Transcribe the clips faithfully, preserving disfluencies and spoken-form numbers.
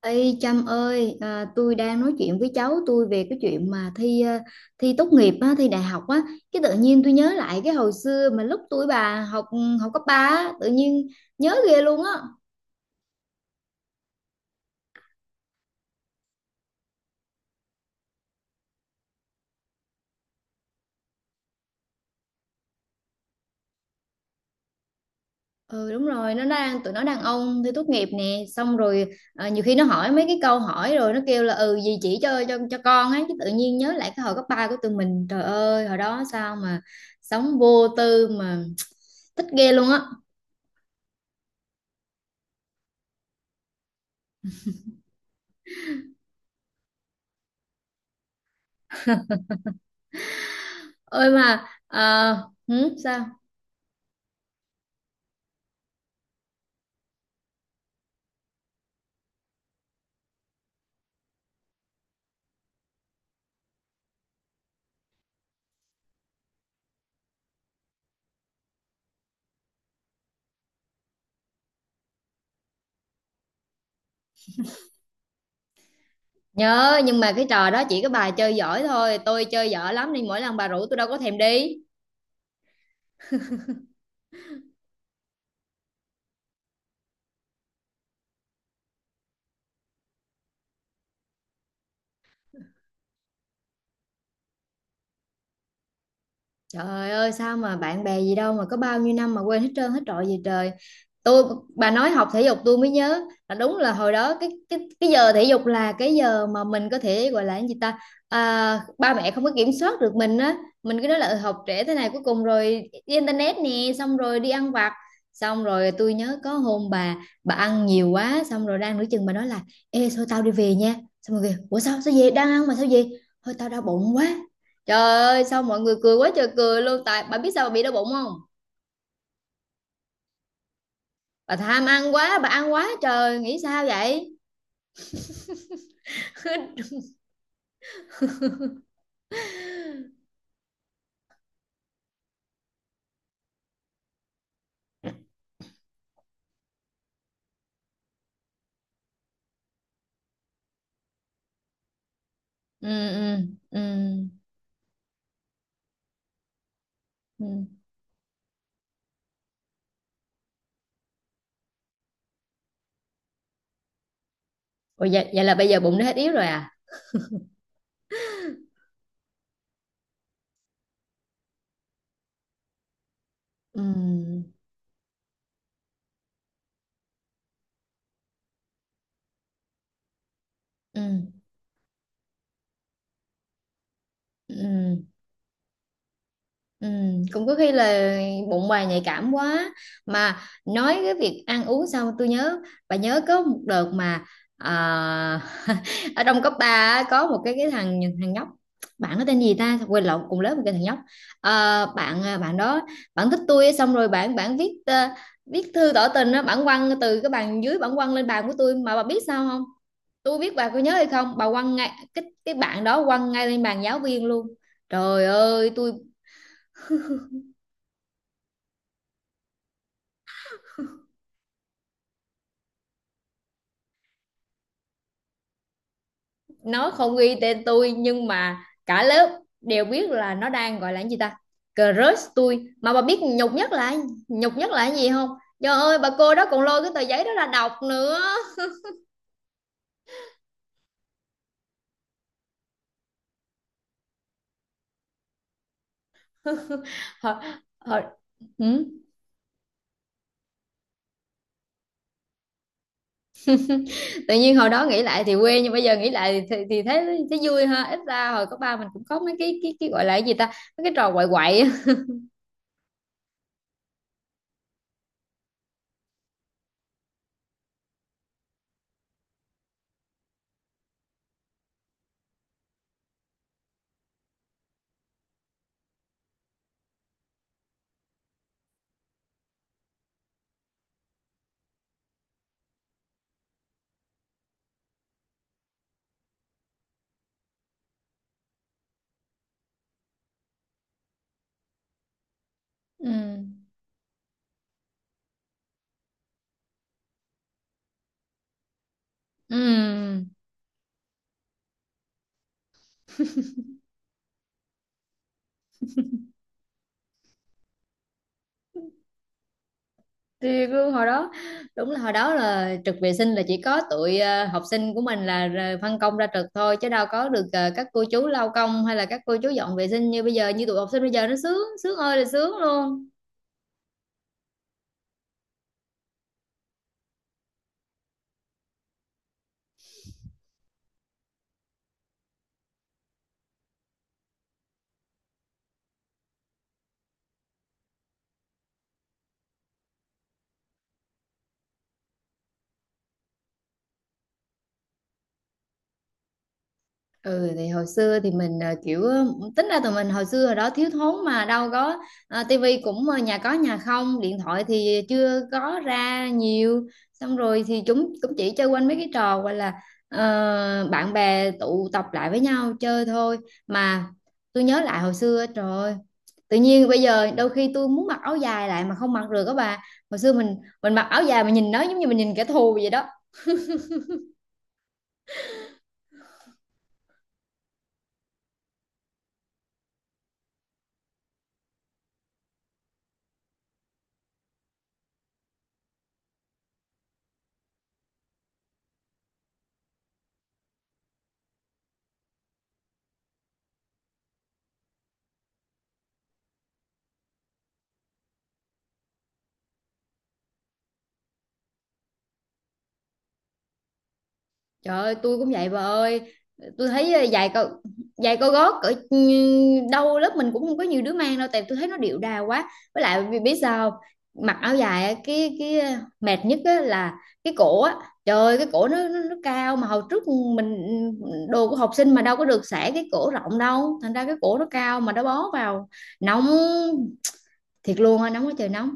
Ê Trâm ơi, à, tôi đang nói chuyện với cháu tôi về cái chuyện mà thi ờ, thi tốt nghiệp á, thi đại học á, cái tự nhiên tôi nhớ lại cái hồi xưa mà lúc tuổi bà học học cấp ba, á, tự nhiên nhớ ghê luôn á. Ừ đúng rồi, nó đang tụi nó đàn ông thi tốt nghiệp nè, xong rồi ờ, nhiều khi nó hỏi mấy cái câu hỏi rồi nó kêu là ừ gì chỉ cho cho cho con ấy, cái tự nhiên nhớ lại cái hồi cấp ba của tụi mình, trời ơi, hồi đó sao mà sống vô tư mà thích ghê luôn á. Ơi mà ờ, hử, sao? Nhớ nhưng mà cái trò đó chỉ có bà chơi giỏi thôi, tôi chơi dở lắm nên mỗi lần bà rủ tôi đâu có thèm đi. Trời ơi, sao mà bạn bè gì đâu mà có bao nhiêu năm mà quên hết trơn hết trọi gì trời. Tôi, bà nói học thể dục tôi mới nhớ là đúng là hồi đó cái cái cái giờ thể dục là cái giờ mà mình có thể gọi là cái gì ta, à, ba mẹ không có kiểm soát được mình á, mình cứ nói là "Ừ, học trễ thế này cuối cùng rồi đi internet nè, xong rồi đi ăn vặt. Xong rồi tôi nhớ có hôm bà bà ăn nhiều quá xong rồi đang nửa chừng bà nói là ê thôi tao đi về nha. Xong rồi kìa, ủa sao sao về đang ăn mà sao về? Thôi tao đau bụng quá. Trời ơi sao mọi người cười quá trời cười luôn, tại bà biết sao bà bị đau bụng không? Bà tham ăn quá, bà ăn quá trời, nghĩ sao vậy? ừ, ừ, ừ, ừ. Ủa, vậy, vậy là bây giờ bụng nó hết yếu rồi à? Ừ, ừ, ừ. ừ. Ừ, cũng có khi là bụng bà nhạy cảm quá, mà nói cái việc ăn uống xong tôi nhớ, bà nhớ có một đợt mà à, ở trong cấp ba có một cái cái thằng thằng nhóc, bạn nó tên gì ta quên lộn, cùng lớp một cái thằng nhóc. Ờ, bạn ờ, bạn đó, bạn thích tôi, xong rồi bạn bạn viết ờ, viết thư tỏ tình á, bạn quăng từ cái bàn dưới bạn quăng lên bàn của tôi, mà bà biết sao không, tôi biết bà có nhớ hay không, bà quăng ngay cái cái bạn đó quăng ngay lên bàn giáo viên luôn. Trời ơi, tôi, nó không ghi tên tôi nhưng mà cả lớp đều biết là nó đang gọi là cái gì ta, crush tôi, mà bà biết nhục nhất là, nhục nhất là cái gì không, trời ơi bà cô đó còn lôi cái tờ giấy đó ra đọc nữa. Hồi, hồi, ừ. Tự nhiên hồi đó nghĩ lại thì quê nhưng bây giờ nghĩ lại thì, thì thấy thấy vui ha, ít ra hồi cấp ba mình cũng có mấy cái cái cái gọi là cái gì ta, mấy cái trò quậy quậy á. Ừ. Ừ. Thì cứ hồi đó, đúng là hồi đó là trực vệ sinh là chỉ có tụi ờ, học sinh của mình là r- phân công ra trực thôi chứ đâu có được ờ, các cô chú lau công hay là các cô chú dọn vệ sinh như bây giờ, như tụi học sinh bây giờ nó sướng, sướng ơi là sướng luôn. Ừ thì hồi xưa thì mình ờ, kiểu ờ, tính ra tụi mình hồi xưa hồi đó thiếu thốn mà đâu có ờ, tivi cũng ờ, nhà có nhà không, điện thoại thì chưa có ra nhiều, xong rồi thì chúng cũng chỉ chơi quanh mấy cái trò gọi là ờ, bạn bè tụ tập lại với nhau chơi thôi, mà tôi nhớ lại hồi xưa trời ơi, tự nhiên bây giờ đôi khi tôi muốn mặc áo dài lại mà không mặc được các bà, hồi xưa mình mình mặc áo dài mà nhìn nó giống như mình nhìn kẻ thù vậy đó. Trời ơi, tôi cũng vậy bà ơi. Tôi thấy giày cao giày cao gót ở đâu lớp mình cũng không có nhiều đứa mang đâu, tại tôi thấy nó điệu đà quá. Với lại vì biết sao không? Mặc áo dài á, cái cái ờ, mệt nhất á là cái cổ á. Trời ơi, cái cổ nó, nó nó cao mà hồi trước mình, đồ của học sinh mà đâu có được xẻ cái cổ rộng đâu, thành ra cái cổ nó cao mà nó bó vào, nóng thiệt luôn á, nóng quá trời nóng.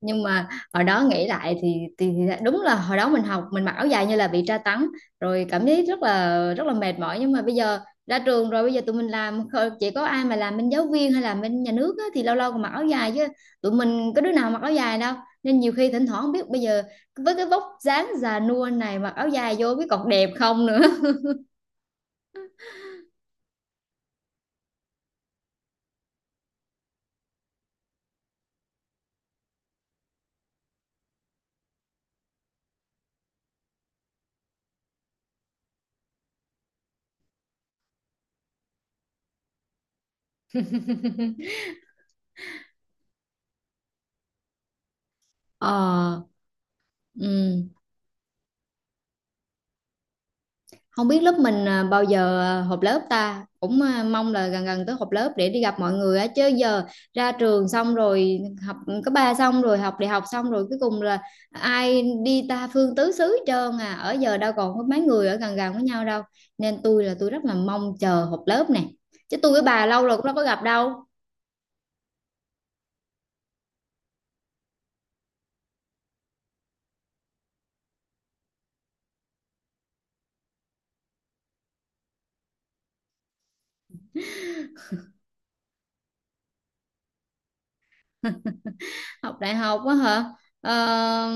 Nhưng mà hồi đó nghĩ lại thì, thì thì đúng là hồi đó mình học mình mặc áo dài như là bị tra tấn, rồi cảm thấy rất là rất là mệt mỏi, nhưng mà bây giờ ra trường rồi, bây giờ tụi mình làm khờ- chỉ có ai mà làm bên giáo viên hay làm bên nhà nước á, thì lâu lâu còn mặc áo dài chứ tụi mình có đứa nào mặc áo dài đâu, nên nhiều khi thỉnh thoảng không biết bây giờ với cái vóc dáng già nua này mặc áo dài vô biết còn đẹp không nữa. Ờ. Ừ. Không biết lớp mình à, bao giờ à, họp lớp ta, cũng à, mong là gần gần tới họp lớp để đi gặp mọi người á, chứ giờ ra trường xong rồi, học cấp ba xong rồi học đại học xong rồi, cuối cùng là ai đi ta phương tứ xứ hết trơn à, ở giờ đâu còn có mấy người ở gần gần với nhau đâu, nên tôi là tôi rất là mong chờ họp lớp nè, chứ tôi với bà lâu rồi cũng đâu có gặp đâu. Học đại học á hả. Ờ,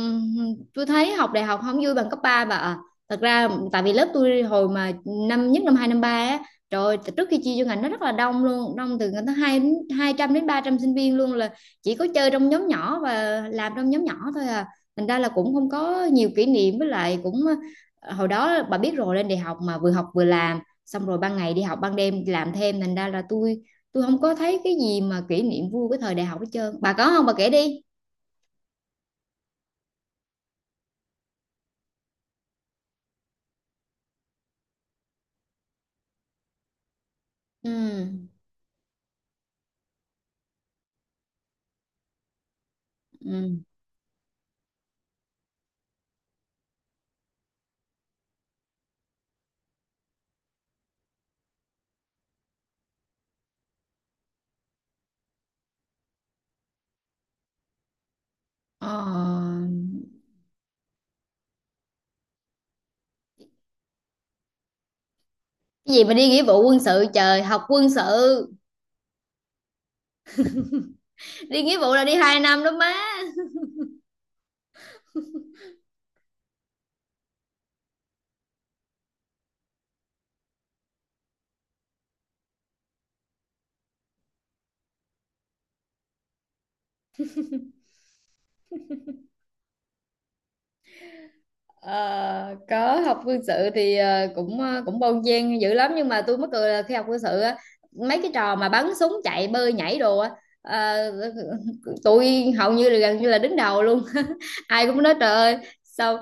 tôi thấy học đại học không vui bằng cấp ba bà ạ, thật ra tại vì lớp tôi hồi mà năm nhất năm hai năm ba á, trời ơi, trước khi chia vô ngành nó rất là đông luôn, đông từ ngành tới hai hai trăm đến ba trăm sinh viên luôn, là chỉ có chơi trong nhóm nhỏ và làm trong nhóm nhỏ thôi à, thành ra là cũng không có nhiều kỷ niệm, với lại cũng ờ, hồi đó bà biết rồi, lên đại học mà vừa học vừa làm, xong rồi ban ngày đi học ban đêm làm thêm, thành ra là tôi tôi không có thấy cái gì mà kỷ niệm vui cái thời đại học hết trơn, bà có không, bà kể đi. Ừ. Ừ. Ờ, cái gì mà đi nghĩa vụ quân sự, trời, học quân sự, đi nghĩa vụ là đi hai năm đó má. Ờ, có học quân sự thì ờ, cũng ờ, cũng bon chen dữ lắm, nhưng mà tôi mắc cười là khi học quân sự á, mấy cái trò mà bắn súng chạy bơi nhảy đồ á, ờ, tôi hầu như là gần như là đứng đầu luôn. Ai cũng nói trời ơi, sao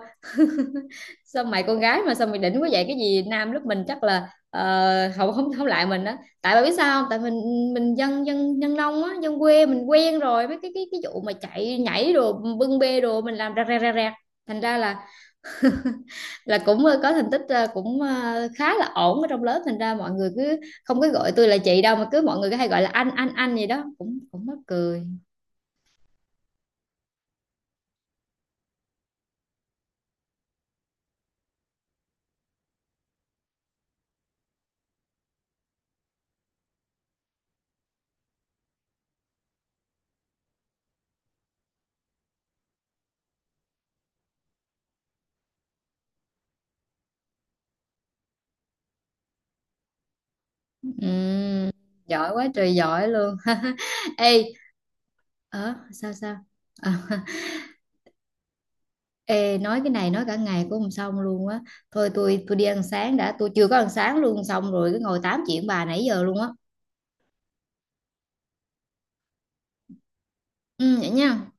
sao mày con gái mà sao mày đỉnh quá vậy, cái gì nam lúc mình chắc là ờ, không không không lại mình đó, tại bà biết sao không, tại mình mình dân dân dân nông á, dân quê mình quen rồi với cái cái cái vụ mà chạy nhảy đồ bưng bê đồ mình làm ra ra ra ra, thành ra là là cũng ờ, có thành tích ờ, cũng ờ, khá là ổn ở trong lớp, thành ra mọi người cứ không có gọi tôi là chị đâu mà cứ mọi người cứ hay gọi là anh anh anh gì đó, cũng cũng mắc cười. Ừm, giỏi quá trời giỏi luôn. Ê, ờ sao sao? Ờ. Ê, nói cái này nói cả ngày cũng không xong luôn á, thôi tôi tôi đi ăn sáng đã, tôi chưa có ăn sáng luôn, xong rồi cứ ngồi tám chuyện bà nãy giờ luôn á. Ừ vậy nha.